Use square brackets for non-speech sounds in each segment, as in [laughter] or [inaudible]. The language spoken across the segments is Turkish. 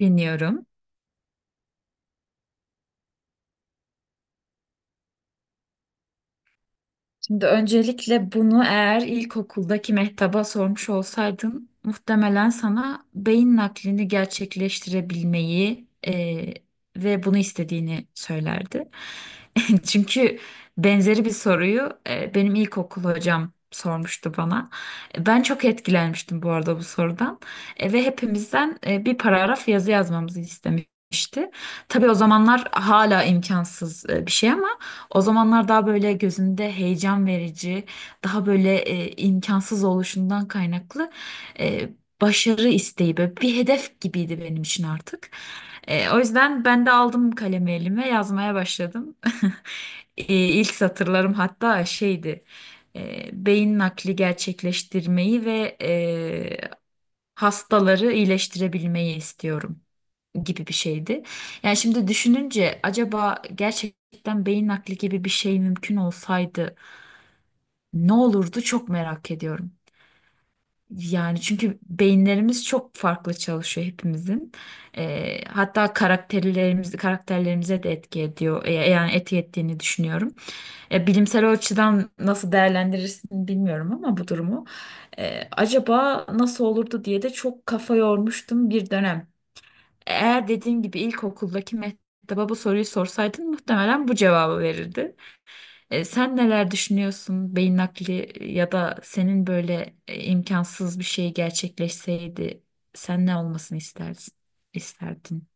Dinliyorum. Şimdi öncelikle bunu eğer ilkokuldaki mehtaba sormuş olsaydın muhtemelen sana beyin naklini gerçekleştirebilmeyi ve bunu istediğini söylerdi. [laughs] Çünkü benzeri bir soruyu benim ilkokul hocam sormuştu bana. Ben çok etkilenmiştim bu arada bu sorudan. Ve hepimizden bir paragraf yazı yazmamızı istemişti. Tabii o zamanlar hala imkansız bir şey ama o zamanlar daha böyle gözümde heyecan verici, daha böyle imkansız oluşundan kaynaklı e, başarı isteği böyle bir hedef gibiydi benim için artık. O yüzden ben de aldım kalemi elime yazmaya başladım. [laughs] E, İlk satırlarım hatta şeydi. Beyin nakli gerçekleştirmeyi ve hastaları iyileştirebilmeyi istiyorum gibi bir şeydi. Yani şimdi düşününce acaba gerçekten beyin nakli gibi bir şey mümkün olsaydı ne olurdu çok merak ediyorum. Yani çünkü beyinlerimiz çok farklı çalışıyor hepimizin. Hatta karakterlerimizi karakterlerimize de etki ediyor. Yani etki ettiğini düşünüyorum. Bilimsel açıdan nasıl değerlendirirsin bilmiyorum ama bu durumu. Acaba nasıl olurdu diye de çok kafa yormuştum bir dönem. Eğer dediğim gibi ilkokuldaki mektaba bu soruyu sorsaydın muhtemelen bu cevabı verirdi. Sen neler düşünüyorsun? Beyin nakli ya da senin böyle imkansız bir şey gerçekleşseydi sen ne olmasını istersin, isterdin?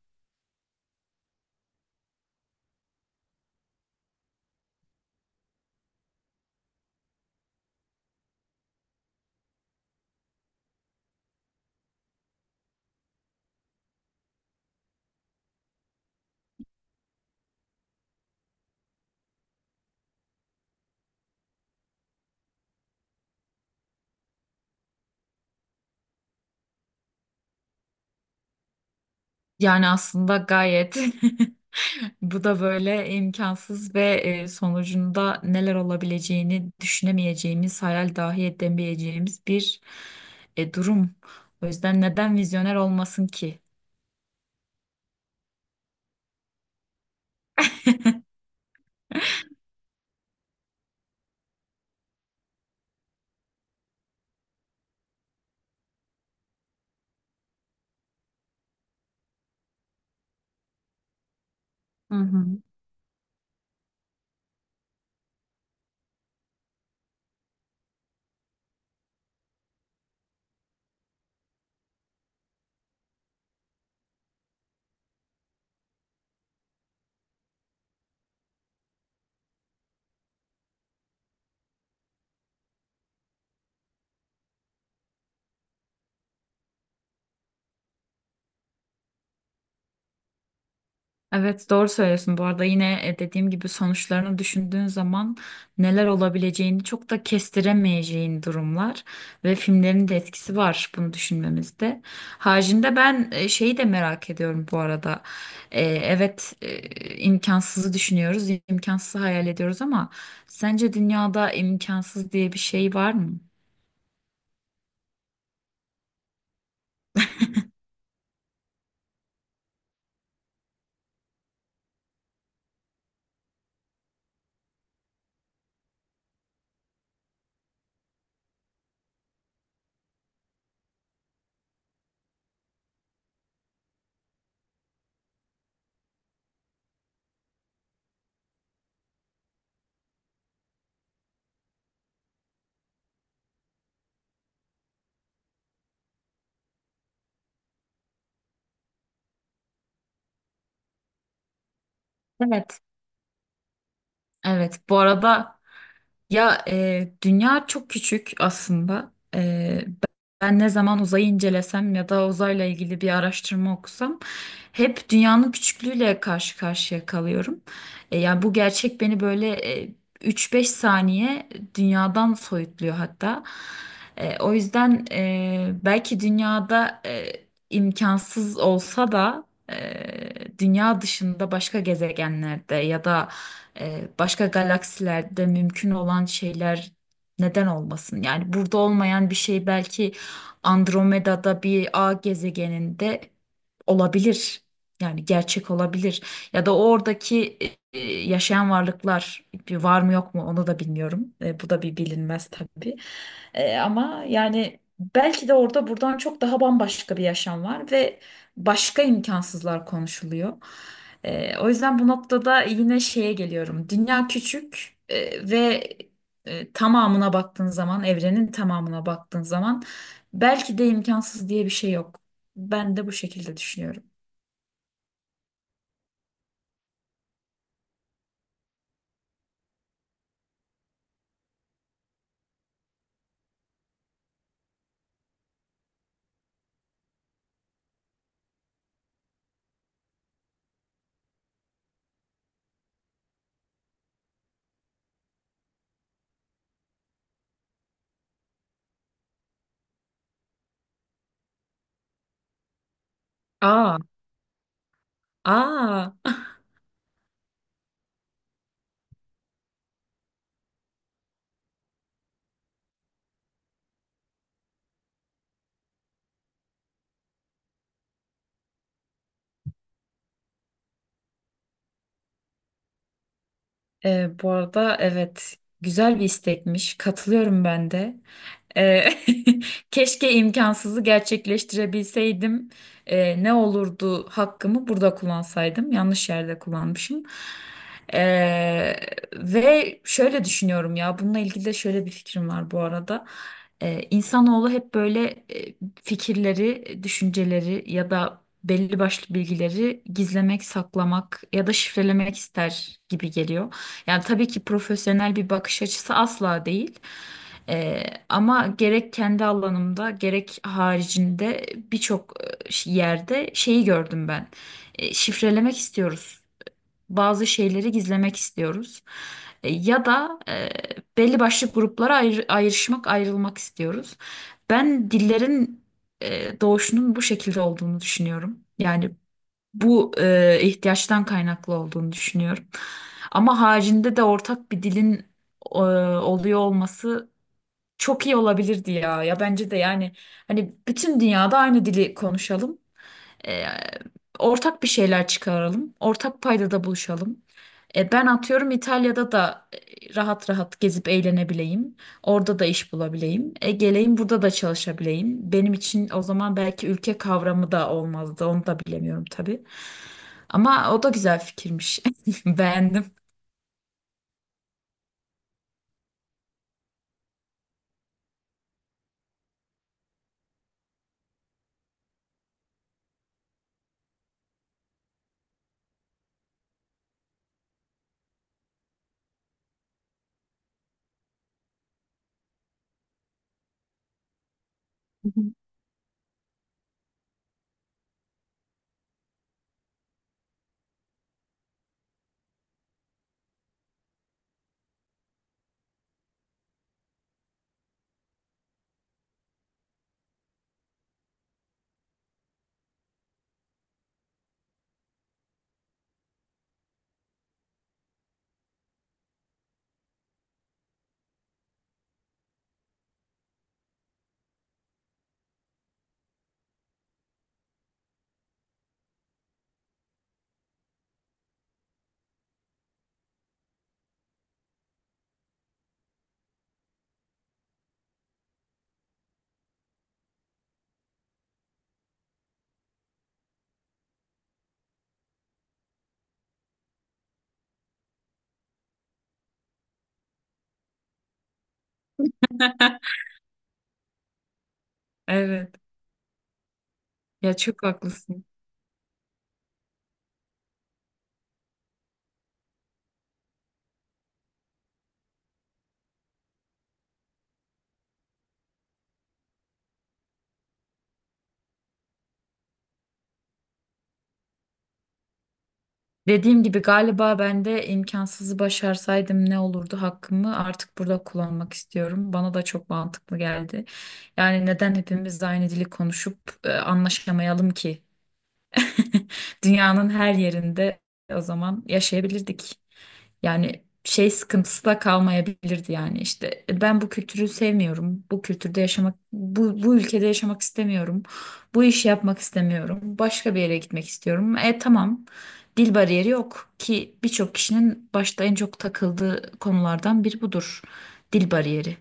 Yani aslında gayet [laughs] bu da böyle imkansız ve sonucunda neler olabileceğini düşünemeyeceğimiz, hayal dahi edemeyeceğimiz bir durum. O yüzden neden vizyoner olmasın ki? Hı hı. Evet, doğru söylüyorsun bu arada. Yine dediğim gibi sonuçlarını düşündüğün zaman neler olabileceğini çok da kestiremeyeceğin durumlar ve filmlerin de etkisi var bunu düşünmemizde. Haricinde ben şeyi de merak ediyorum bu arada. Evet, imkansızı düşünüyoruz, imkansızı hayal ediyoruz ama sence dünyada imkansız diye bir şey var mı? Evet. Evet, bu arada. Ya, dünya çok küçük aslında. Ben ne zaman uzayı incelesem ya da uzayla ilgili bir araştırma okusam hep dünyanın küçüklüğüyle karşı karşıya kalıyorum. Yani bu gerçek beni böyle e, 3-5 saniye dünyadan soyutluyor hatta. O yüzden belki dünyada imkansız olsa da dünya dışında başka gezegenlerde ya da başka galaksilerde mümkün olan şeyler neden olmasın? Yani burada olmayan bir şey belki Andromeda'da bir A gezegeninde olabilir. Yani gerçek olabilir. Ya da oradaki yaşayan varlıklar bir var mı yok mu onu da bilmiyorum. Bu da bir bilinmez tabii. Ama yani belki de orada buradan çok daha bambaşka bir yaşam var ve başka imkansızlar konuşuluyor. O yüzden bu noktada yine şeye geliyorum. Dünya küçük ve tamamına baktığın zaman, evrenin tamamına baktığın zaman belki de imkansız diye bir şey yok. Ben de bu şekilde düşünüyorum. Aa, aa. Bu arada evet, güzel bir istekmiş. Katılıyorum ben de. Ee, [laughs] Keşke imkansızı gerçekleştirebilseydim. Ne olurdu hakkımı burada kullansaydım. Yanlış yerde kullanmışım. Ee, ve şöyle düşünüyorum, ya bununla ilgili de şöyle bir fikrim var bu arada. İnsanoğlu hep böyle fikirleri, düşünceleri ya da belli başlı bilgileri gizlemek, saklamak ya da şifrelemek ister gibi geliyor. Yani tabii ki profesyonel bir bakış açısı asla değil. Ee, Ama gerek kendi alanımda gerek haricinde birçok yerde şeyi gördüm ben. Şifrelemek istiyoruz. Bazı şeyleri gizlemek istiyoruz. Ya da belli başlı gruplara ayrışmak, ayrılmak istiyoruz. Ben dillerin doğuşunun bu şekilde olduğunu düşünüyorum. Yani bu ihtiyaçtan kaynaklı olduğunu düşünüyorum. Ama haricinde de ortak bir dilin e, oluyor olması çok iyi olabilirdi ya. Ya, bence de yani hani bütün dünyada aynı dili konuşalım. E, Ortak bir şeyler çıkaralım. Ortak paydada buluşalım. Ben atıyorum İtalya'da da rahat rahat gezip eğlenebileyim. Orada da iş bulabileyim. Geleyim burada da çalışabileyim. Benim için o zaman belki ülke kavramı da olmazdı. Onu da bilemiyorum tabii. Ama o da güzel fikirmiş. [laughs] Beğendim. [laughs] Evet. Ya, çok haklısın. Dediğim gibi galiba ben de imkansızı başarsaydım ne olurdu hakkımı artık burada kullanmak istiyorum. Bana da çok mantıklı geldi. Yani neden hepimiz aynı dili konuşup anlaşamayalım ki? [laughs] Dünyanın her yerinde o zaman yaşayabilirdik. Yani şey sıkıntısı da kalmayabilirdi, yani işte: "Ben bu kültürü sevmiyorum. Bu kültürde yaşamak, bu ülkede yaşamak istemiyorum. Bu işi yapmak istemiyorum. Başka bir yere gitmek istiyorum. Tamam. Dil bariyeri yok ki, birçok kişinin başta en çok takıldığı konulardan biri budur. Dil bariyeri."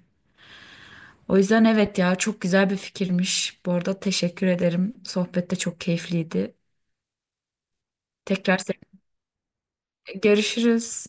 O yüzden evet, ya çok güzel bir fikirmiş. Bu arada teşekkür ederim. Sohbet de çok keyifliydi. Tekrar seninle görüşürüz.